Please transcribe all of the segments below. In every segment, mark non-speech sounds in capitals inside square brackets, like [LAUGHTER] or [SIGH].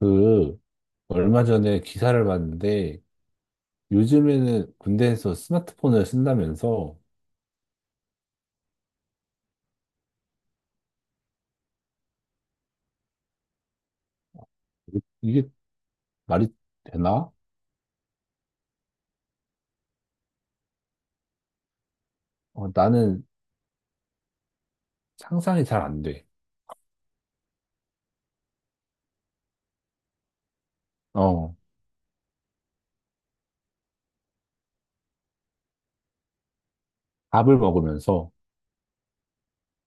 그, 얼마 전에 기사를 봤는데, 요즘에는 군대에서 스마트폰을 쓴다면서, 이게 말이 되나? 어, 나는 상상이 잘 안 돼. 어, 밥을 먹으면서.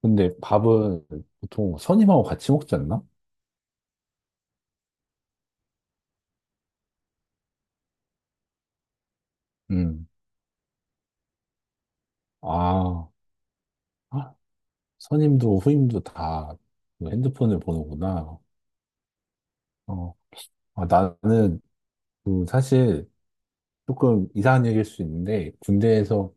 근데 밥은 보통 선임하고 같이 먹지 않나? 음. 아, 아, 선임도 후임도 다 그 핸드폰을 보는구나. 어, 아, 나는 그 사실 조금 이상한 얘기일 수 있는데, 군대에서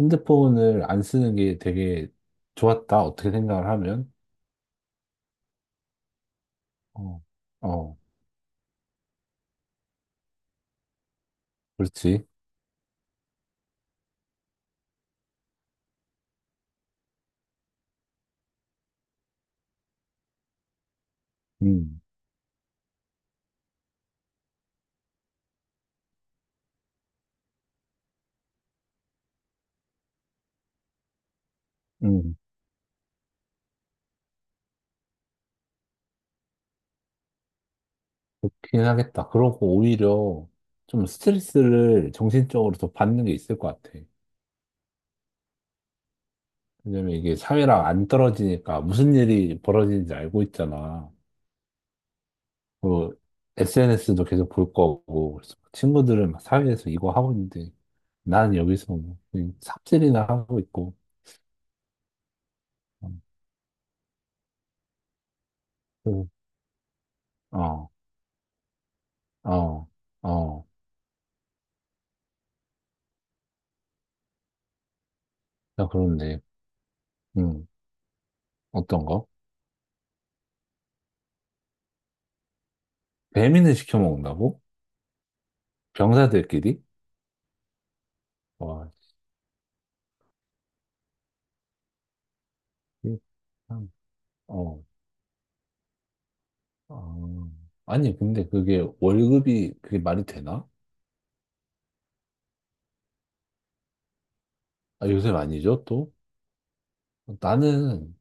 핸드폰을 안 쓰는 게 되게 좋았다. 어떻게 생각을 하면. 어, 어, 그렇지. 음, 음, 그렇긴 하겠다. 그러고 오히려 좀 스트레스를 정신적으로 더 받는 게 있을 것 같아. 왜냐면 이게 사회랑 안 떨어지니까 무슨 일이 벌어지는지 알고 있잖아. 그 SNS도 계속 볼 거고, 그래서 친구들은 막 사회에서 이거 하고 있는데, 나는 여기서 뭐 그냥 삽질이나 하고 있고. 어. 음. 어, 어, 어. 나 그런데, 음, 어떤 거? 배민을 시켜 먹는다고? 병사들끼리? 와, 이게 참, 어, 어. 아니, 근데 그게 월급이 그게 말이 되나? 아, 요새 많이 줘, 또? 나는,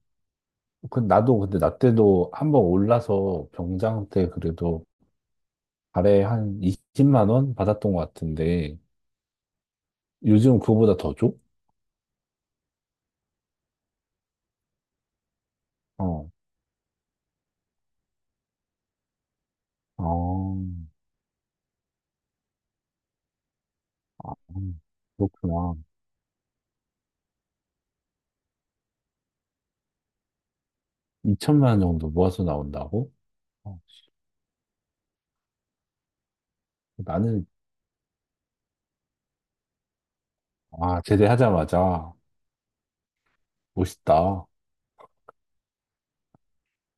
그, 나도 근데 나 때도 한번 올라서 병장 때 그래도 달에 한 20만 원 받았던 것 같은데, 요즘 그거보다 더 줘? 어, 어, 음, 그렇구나. 2천만 원 정도 모아서 나온다고? 어, 나는, 아, 제대하자마자, 멋있다. 어,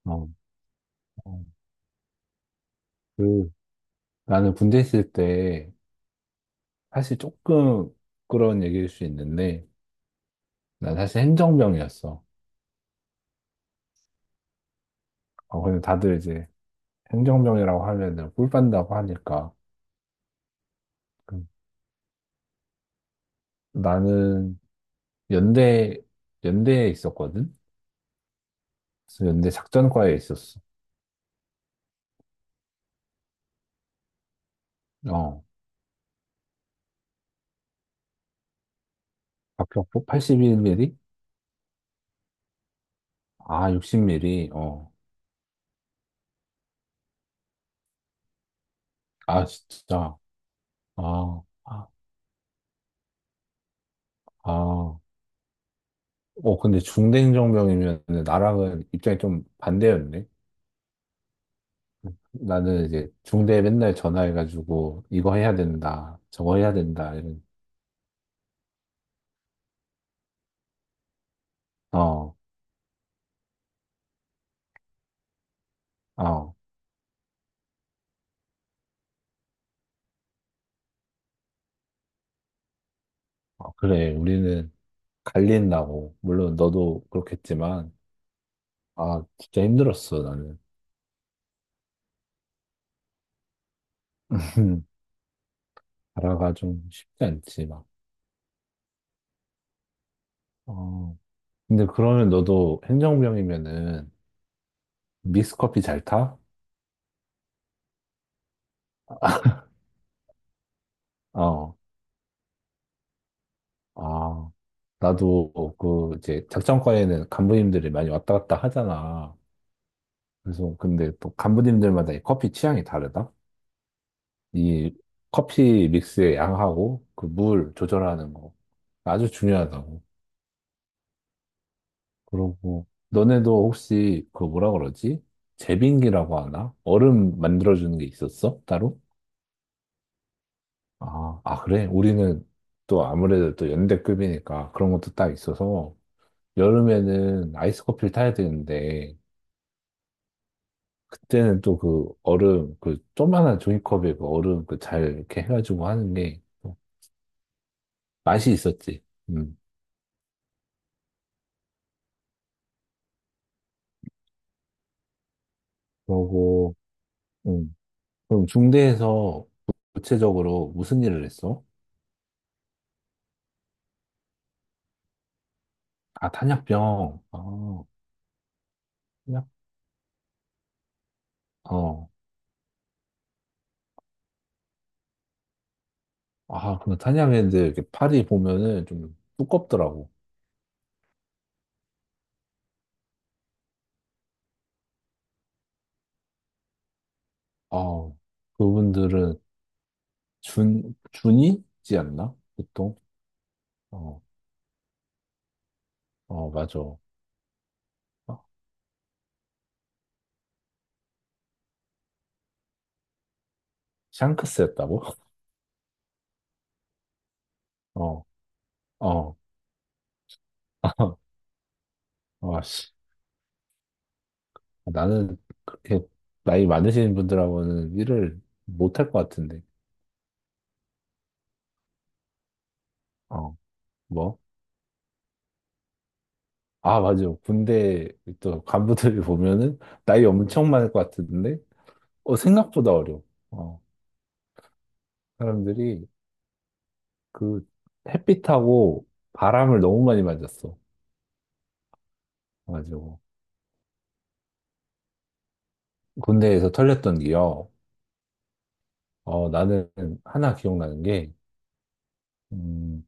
어, 그, 나는 군대 있을 때, 사실 조금 부끄러운 얘기일 수 있는데, 난 사실 행정병이었어. 어, 근데 다들 이제 행정병이라고 하면은 꿀 빤다고 하니까. 그, 나는 연대, 연대에 있었거든? 그래서 연대 작전과에 있었어. 어, 박격포 81mm? 아, 60mm? 어, 아, 진짜. 아, 아, 아. 어, 근데 중대행정병이면 나랑은 입장이 좀 반대였네. 나는 이제 중대에 맨날 전화해가지고 이거 해야 된다, 저거 해야 된다, 이런. 어, 어, 어, 그래. 우리는 갈린다고. 물론 너도 그렇겠지만, 아, 진짜 힘들었어, 나는. [LAUGHS] 나라가 좀 쉽지 않지, 막. 어. 근데 그러면 너도 행정병이면은 믹스커피 잘 타? 어. 아, 나도 그 이제 작전과에는 간부님들이 많이 왔다 갔다 하잖아. 그래서 근데 또 간부님들마다 이 커피 취향이 다르다. 이 커피 믹스의 양하고 그 물 조절하는 거 아주 중요하다고. 그러고 너네도 혹시 그 뭐라 그러지? 제빙기라고 하나? 얼음 만들어주는 게 있었어? 따로? 아, 아, 그래? 우리는 또 아무래도 또 연대급이니까 그런 것도 딱 있어서 여름에는 아이스 커피를 타야 되는데 그때는 또 그 얼음, 그 조그만한 종이컵에 그 얼음 그 잘 이렇게 해가지고 하는 게또 맛이 있었지. 음. 그러고, 음. 그럼 중대에서 구체적으로 무슨 일을 했어? 아, 탄약병. 아, 탄약? 어. 아, 근데 탄약애들 이렇게 팔이 보면은 좀 두껍더라고. 아, 그분들은 준이지 않나? 보통? 어, 어, 맞아. 어, 샹크스였다고? [LAUGHS] 어, 어. [LAUGHS] 어, 나는 그렇게 나이 많으신 분들하고는 일을 못 할 것 같은데. 어, 뭐? 아, 맞아. 군대 또 간부들이 [LAUGHS] 보면은 나이 엄청 많을 것 같은데, 어, 생각보다 어려워. 어, 사람들이 그 햇빛하고 바람을 너무 많이 맞았어. 가지고 군대에서 털렸던 기억. 어, 나는 하나 기억나는 게, 음,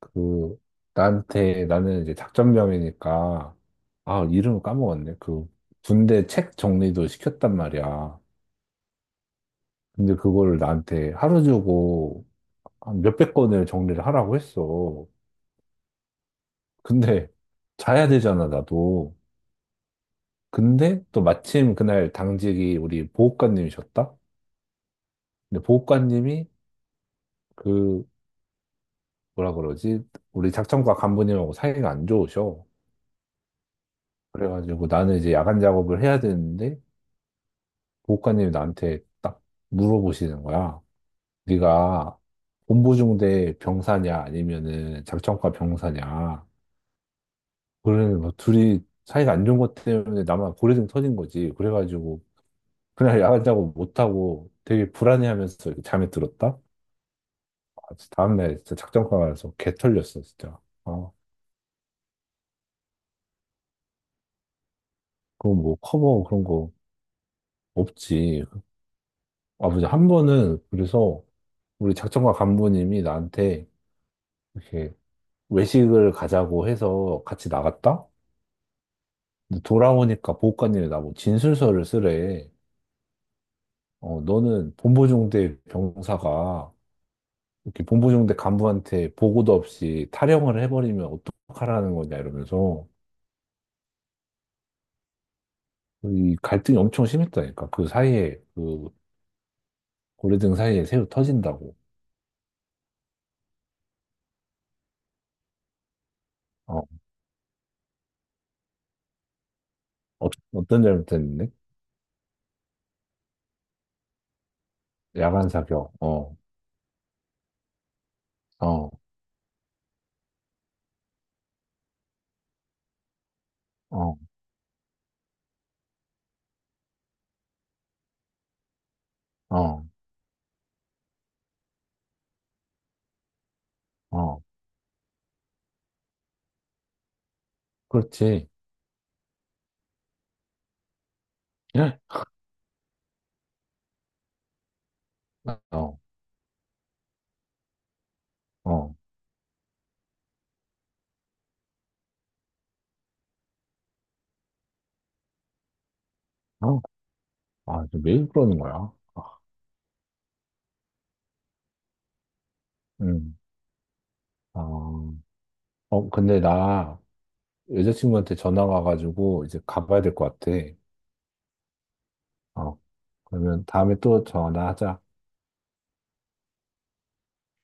그 나한테 나는 이제 작전병이니까 아 이름을 까먹었네. 그 군대 책 정리도 시켰단 말이야. 근데 그거를 나한테 하루 주고 한 몇백 권을 정리를 하라고 했어. 근데 자야 되잖아 나도. 근데 또 마침 그날 당직이 우리 보호관님이셨다. 근데 보호관님이 그 뭐라 그러지? 우리 작전과 간부님하고 사이가 안 좋으셔. 그래가지고 나는 이제 야간 작업을 해야 되는데 보호관님이 나한테 딱 물어보시는 거야. 네가 본부중대 병사냐 아니면은 작전과 병사냐. 그러는 뭐 둘이 사이가 안 좋은 것 때문에 나만 고래등 터진 거지. 그래가지고 그날 야간 작업 못하고 되게 불안해하면서 이렇게 잠에 들었다. 아, 진짜 다음날 진짜 작전과 가서 개 털렸어 진짜. 아, 그거 뭐 커버 그런 거 없지. 아버지 한 번은 그래서 우리 작전과 간부님이 나한테 이렇게 외식을 가자고 해서 같이 나갔다? 근데 돌아오니까 보호관님이 나보고 진술서를 쓰래. 어, 너는 본부중대 병사가 이렇게 본부중대 간부한테 보고도 없이 탈영을 해버리면 어떡하라는 거냐 이러면서 이 갈등이 엄청 심했다니까. 그 사이에 그 고래등 사이에 새우 터진다고. 어, 어, 어떤 잘못했는데? 야간 사격. 어, 어, 어, 어, 어. 그렇지. 예? 어, 어, 어. 아, 왜 그러는 거야? 아. 음. 아, 어, 근데 나 여자친구한테 전화 와가지고 이제 가봐야 될 것 같아. 어, 그러면 다음에 또 전화하자.